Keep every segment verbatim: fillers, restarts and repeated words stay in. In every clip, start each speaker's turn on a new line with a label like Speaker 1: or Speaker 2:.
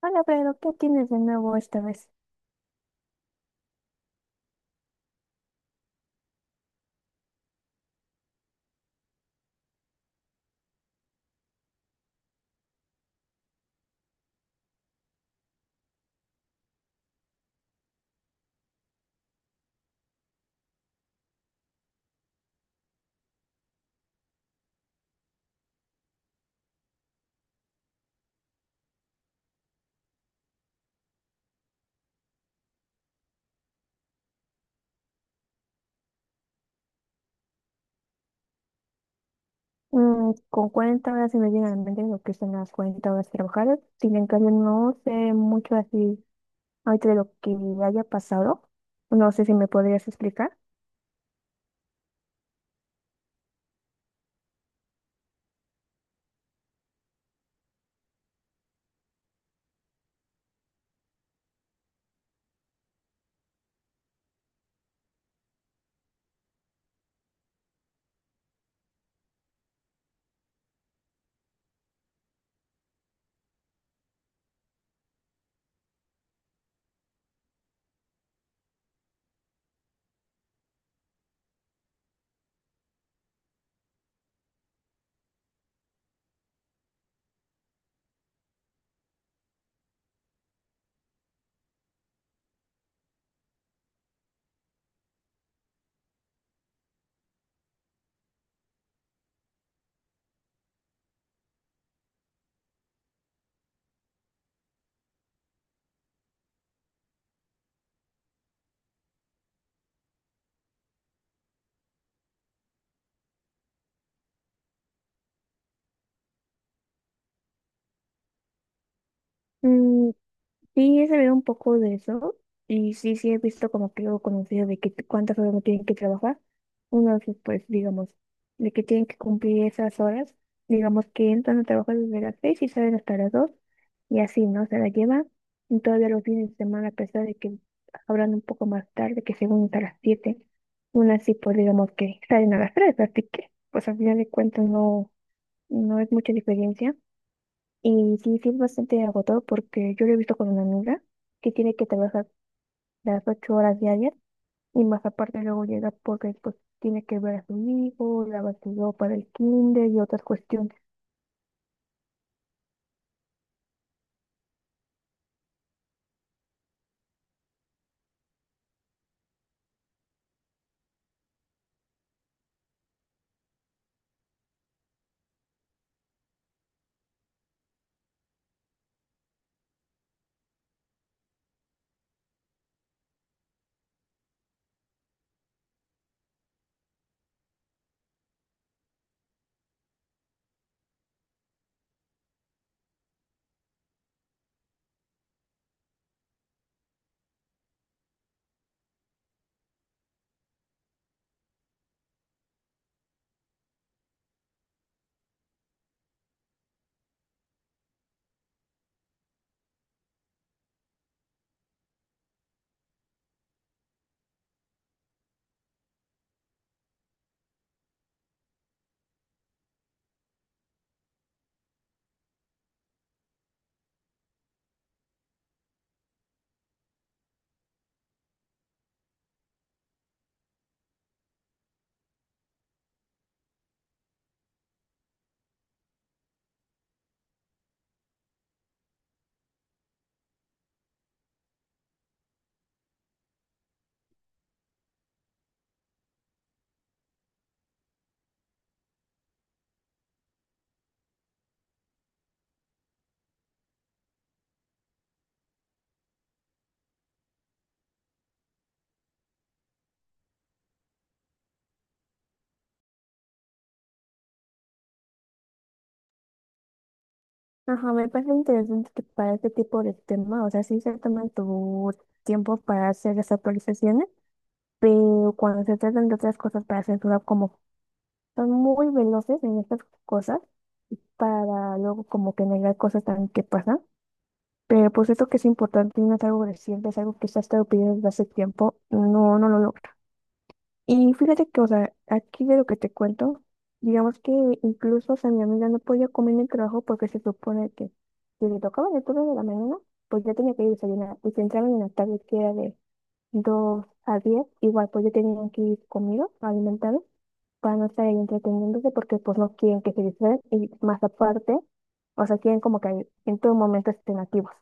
Speaker 1: Hola, pero ¿qué tienes de nuevo esta vez? Mm, con cuarenta horas se me viene a la mente lo que son las cuarenta horas trabajadas. Sin embargo, no sé mucho así ahorita de lo que haya pasado. No sé si me podrías explicar. Sí, he sabido un poco de eso y sí, sí he visto como que algo conocido de que cuántas horas no tienen que trabajar. Entonces, pues digamos, de que tienen que cumplir esas horas, digamos que entran a trabajar desde las seis y salen hasta las dos y así, ¿no? Se la llevan, y todavía los fines de semana, a pesar de que abran un poco más tarde, que según hasta las siete, aún así, pues digamos que salen a las tres, así que pues al final de cuentas no, no es mucha diferencia. Y sí, sí es bastante agotador porque yo lo he visto con una amiga que tiene que trabajar las ocho horas diarias y más aparte luego llega porque pues tiene que ver a su hijo, lavar su ropa del kinder y otras cuestiones. Ajá, me parece interesante que para este tipo de temas, o sea, sí se toman tu tiempo para hacer las actualizaciones, pero cuando se tratan de otras cosas para censurar, como son muy veloces en estas cosas, para luego como que negar cosas también que pasan. Pero pues esto que es importante no es algo reciente, es algo que se ha estado pidiendo desde hace tiempo, no, no lo logra. Y fíjate que, o sea, aquí de lo que te cuento, digamos que incluso, o sea, mi amiga no podía comer en el trabajo porque se supone que si le tocaba el turno de la mañana, pues ya tenía que ir a desayunar. Y si entraban en la tarde, que era de dos a diez, igual pues ya tenían que ir comidos, alimentados, para no estar ahí entreteniéndose porque pues no quieren que se distraigan y más aparte, o sea, quieren como que en todo momento estén activos.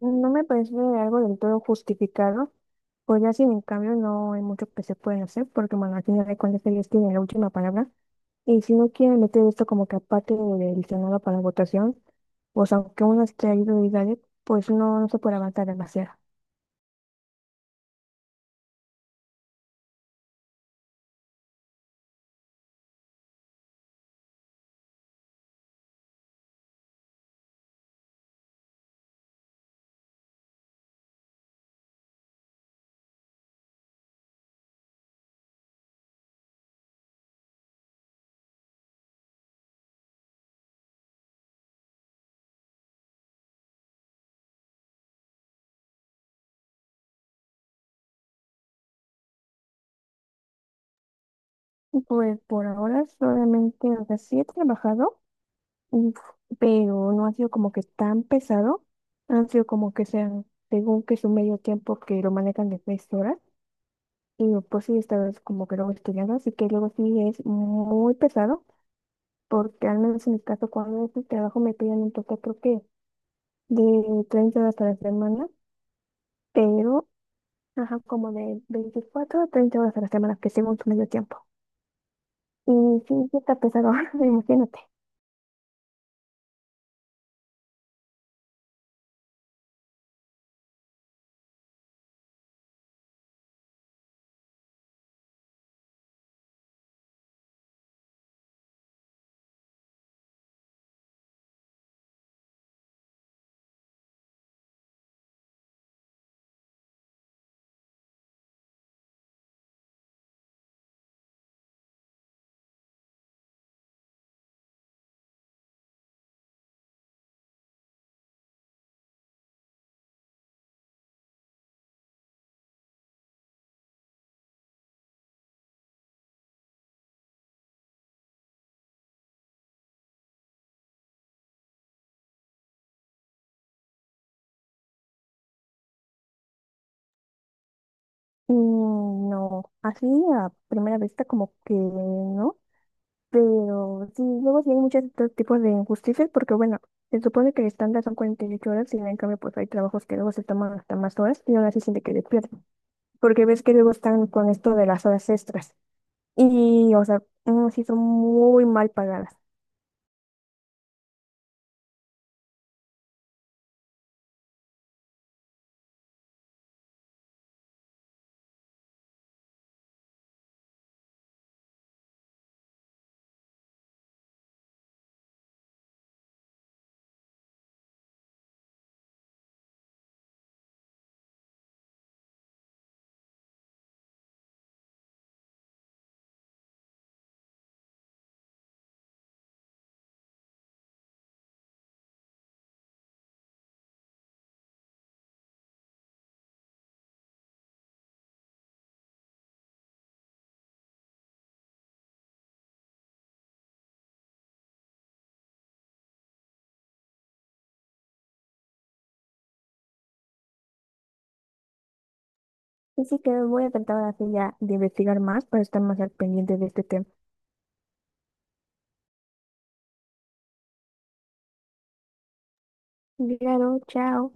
Speaker 1: No me parece algo del todo justificado, pues ya sin en cambio no hay mucho que se pueden hacer, porque bueno, al final de cuentas ellos tienen la última palabra, y si no quieren meter esto como que aparte del Senado para votación, pues aunque uno esté ahí duro y dale, pues no, no se puede avanzar demasiado. Pues por ahora solamente, o sea, sí he trabajado, uf, pero no ha sido como que tan pesado, han sido como que sean, según que es un medio tiempo que lo manejan de tres horas. Y pues sí, estás como que luego estudiando, así que luego sí es muy pesado, porque al menos en mi caso, cuando es el trabajo me piden un total, creo que de treinta horas a la semana, pero ajá, como de veinticuatro a treinta horas a la semana, que según su medio tiempo. Y sí, sí está pesado, imagínate. Y no, así a primera vista, como que no. Pero sí, luego sí hay muchos otros tipos de injusticias porque, bueno, se supone que el estándar son cuarenta y ocho horas y en cambio pues hay trabajos que luego se toman hasta más horas y aún así siente que le pierden. Porque ves que luego están con esto de las horas extras y, o sea, mm, sí son muy mal pagadas. Así que voy a tratar así ya de investigar más para estar más al pendiente de este tema. Claro, chao.